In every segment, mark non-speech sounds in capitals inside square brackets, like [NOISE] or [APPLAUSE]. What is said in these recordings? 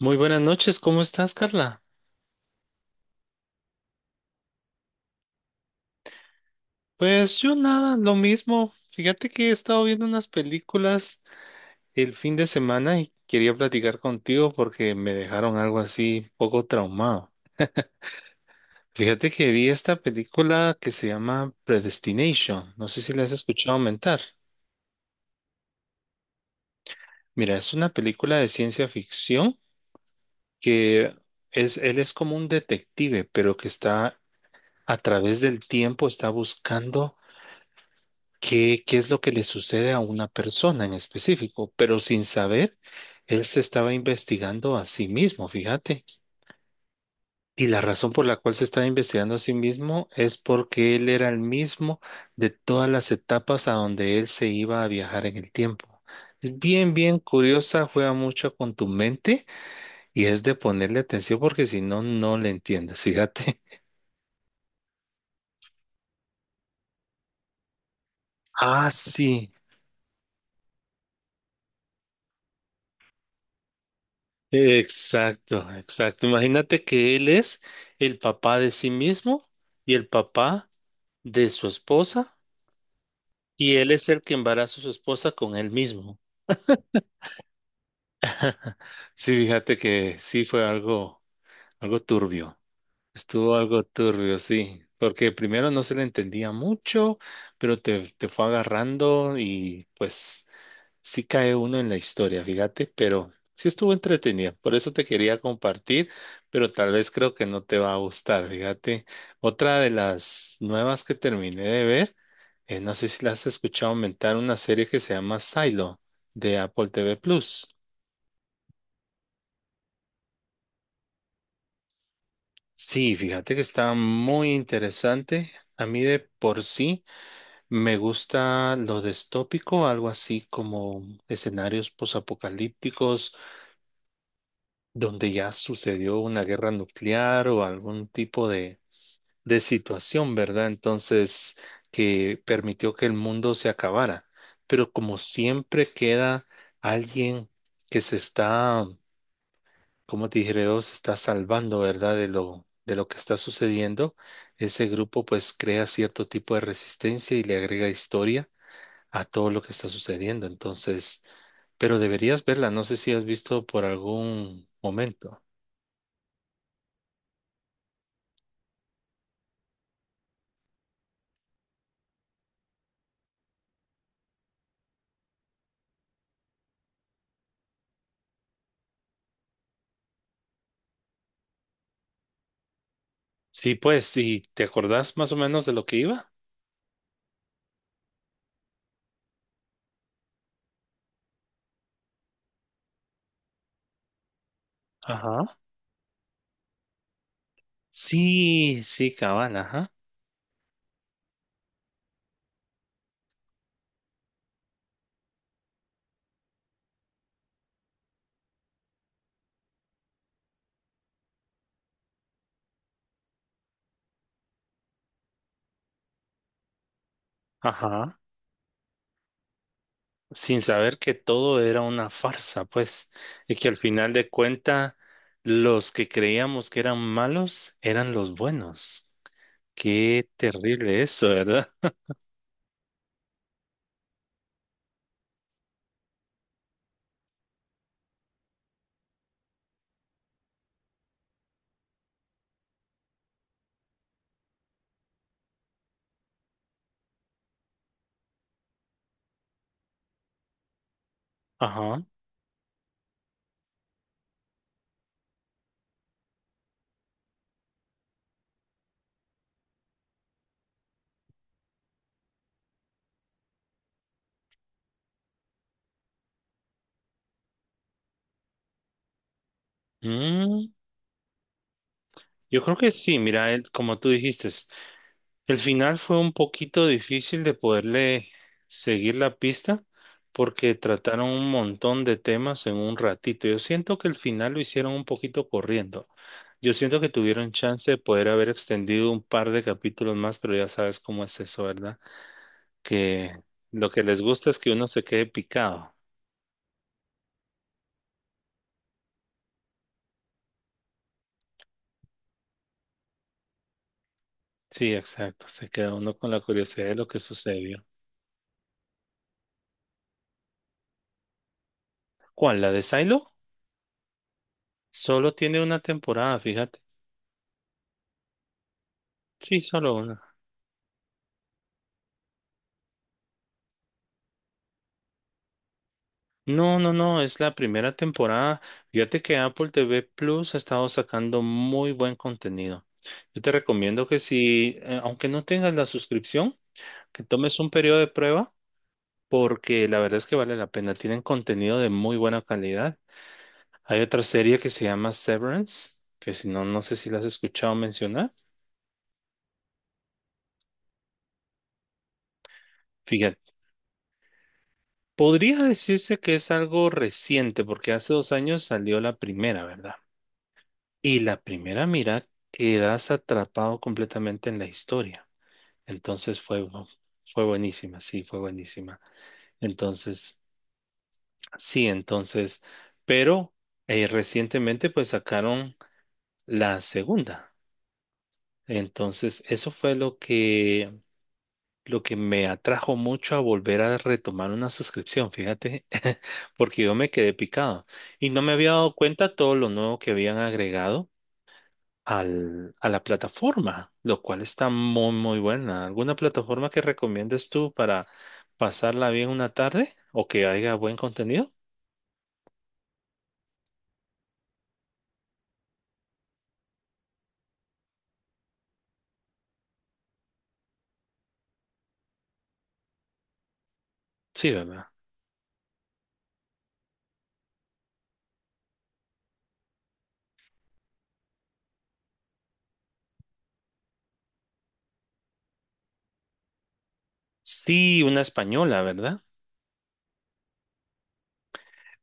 Muy buenas noches, ¿cómo estás, Carla? Pues yo nada, lo mismo. Fíjate que he estado viendo unas películas el fin de semana y quería platicar contigo porque me dejaron algo así poco traumado. Fíjate que vi esta película que se llama Predestination. No sé si la has escuchado aumentar. Mira, es una película de ciencia ficción que es, él es como un detective, pero que está a través del tiempo, está buscando qué es lo que le sucede a una persona en específico, pero sin saber, él se estaba investigando a sí mismo, fíjate. Y la razón por la cual se estaba investigando a sí mismo es porque él era el mismo de todas las etapas a donde él se iba a viajar en el tiempo. Es bien, bien curiosa, juega mucho con tu mente y es de ponerle atención porque si no, no le entiendes, fíjate. [LAUGHS] Ah, sí. Exacto, exacto. Imagínate que él es el papá de sí mismo y el papá de su esposa, y él es el que embaraza a su esposa con él mismo. [LAUGHS] Sí, fíjate que sí fue algo, algo turbio. Estuvo algo turbio, sí. Porque primero no se le entendía mucho, pero te fue agarrando y pues sí cae uno en la historia, fíjate, pero sí estuvo entretenida. Por eso te quería compartir, pero tal vez creo que no te va a gustar, fíjate. Otra de las nuevas que terminé de ver, no sé si la has escuchado aumentar, una serie que se llama Silo de Apple TV Plus. Sí, fíjate que está muy interesante. A mí de por sí me gusta lo distópico, algo así como escenarios posapocalípticos donde ya sucedió una guerra nuclear o algún tipo de situación, ¿verdad? Entonces, que permitió que el mundo se acabara. Pero como siempre queda alguien que se está, como te dije, se está salvando, ¿verdad? De lo que está sucediendo, ese grupo pues crea cierto tipo de resistencia y le agrega historia a todo lo que está sucediendo. Entonces, pero deberías verla, no sé si has visto por algún momento. Sí, pues, ¿y te acordás más o menos de lo que iba? Ajá. Sí, sí, cabal, ajá. Ajá. Sin saber que todo era una farsa, pues, y que al final de cuenta los que creíamos que eran malos eran los buenos. Qué terrible eso, ¿verdad? [LAUGHS] Ajá. Mm, yo creo que sí, mira, él, como tú dijiste, el final fue un poquito difícil de poderle seguir la pista porque trataron un montón de temas en un ratito. Yo siento que el final lo hicieron un poquito corriendo. Yo siento que tuvieron chance de poder haber extendido un par de capítulos más, pero ya sabes cómo es eso, ¿verdad? Que lo que les gusta es que uno se quede picado. Sí, exacto. Se queda uno con la curiosidad de lo que sucedió. ¿Cuál? ¿La de Silo? Solo tiene una temporada, fíjate. Sí, solo una. No, no, no, es la primera temporada. Fíjate que Apple TV Plus ha estado sacando muy buen contenido. Yo te recomiendo que si, aunque no tengas la suscripción, que tomes un periodo de prueba, porque la verdad es que vale la pena. Tienen contenido de muy buena calidad. Hay otra serie que se llama Severance, que si no, no sé si la has escuchado mencionar. Fíjate, podría decirse que es algo reciente, porque hace dos años salió la primera, ¿verdad? Y la primera mira quedas atrapado completamente en la historia. Entonces fue, fue buenísima, sí, fue buenísima. Entonces, sí, entonces, pero recientemente pues sacaron la segunda. Entonces, eso fue lo que me atrajo mucho a volver a retomar una suscripción, fíjate, [LAUGHS] porque yo me quedé picado y no me había dado cuenta todo lo nuevo que habían agregado a la plataforma, lo cual está muy, muy buena. ¿Alguna plataforma que recomiendes tú para pasarla bien una tarde o que haya buen contenido? Sí, ¿verdad? Sí, una española, ¿verdad?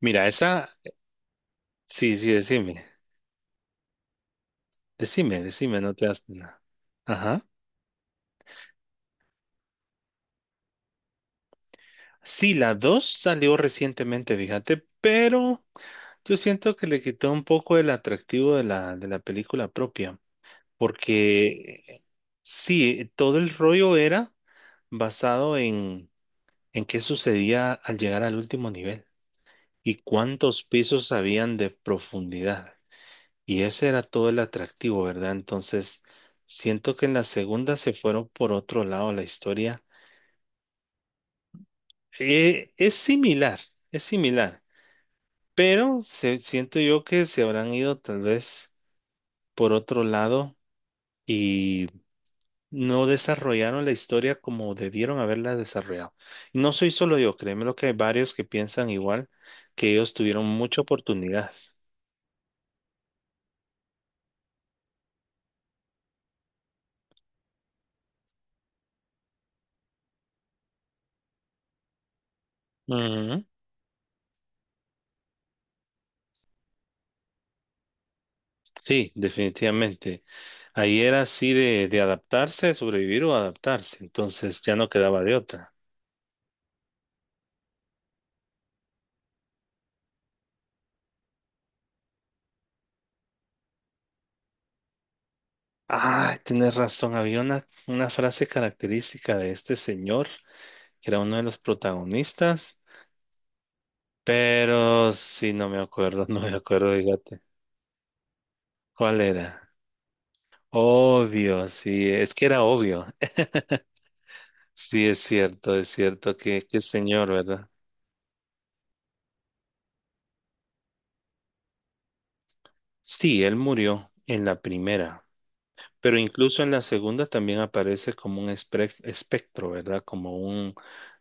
Mira, esa, sí, sí, decime, decime, no te hagas nada. Ajá. Sí, la 2 salió recientemente, fíjate, pero yo siento que le quitó un poco el atractivo de la película propia, porque sí, todo el rollo era basado en qué sucedía al llegar al último nivel y cuántos pisos habían de profundidad. Y ese era todo el atractivo, ¿verdad? Entonces, siento que en la segunda se fueron por otro lado la historia. Eh, es similar, es similar, pero siento yo que se habrán ido tal vez por otro lado y no desarrollaron la historia como debieron haberla desarrollado. Y no soy solo yo, créeme lo que hay varios que piensan igual, que ellos tuvieron mucha oportunidad. Ujú. Sí, definitivamente. Ahí era así de adaptarse, sobrevivir o adaptarse. Entonces ya no quedaba de otra. Ah, tienes razón. Había una frase característica de este señor, que era uno de los protagonistas, pero sí, no me acuerdo, [LAUGHS] no me acuerdo, fíjate. ¿Cuál era? Obvio, sí, es que era obvio. [LAUGHS] Sí, es cierto que señor, ¿verdad? Sí, él murió en la primera, pero incluso en la segunda también aparece como un espectro, ¿verdad? Como un,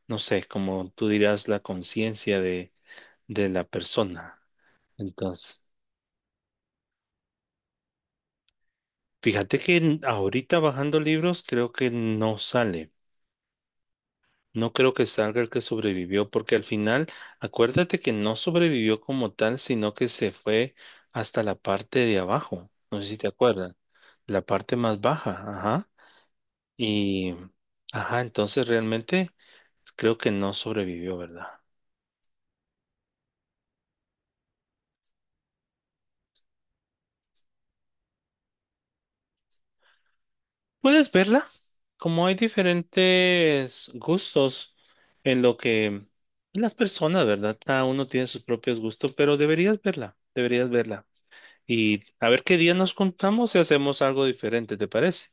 no sé, como tú dirás, la conciencia de la persona. Entonces, fíjate que ahorita bajando libros creo que no sale. No creo que salga el que sobrevivió, porque al final, acuérdate que no sobrevivió como tal, sino que se fue hasta la parte de abajo. No sé si te acuerdas, la parte más baja, ajá. Y, ajá, entonces realmente creo que no sobrevivió, ¿verdad? Puedes verla, como hay diferentes gustos en lo que las personas, ¿verdad? Cada uno tiene sus propios gustos, pero deberías verla, deberías verla. Y a ver qué día nos juntamos y hacemos algo diferente, ¿te parece?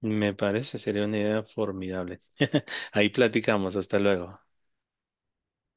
Me parece, sería una idea formidable. [LAUGHS] Ahí platicamos, hasta luego.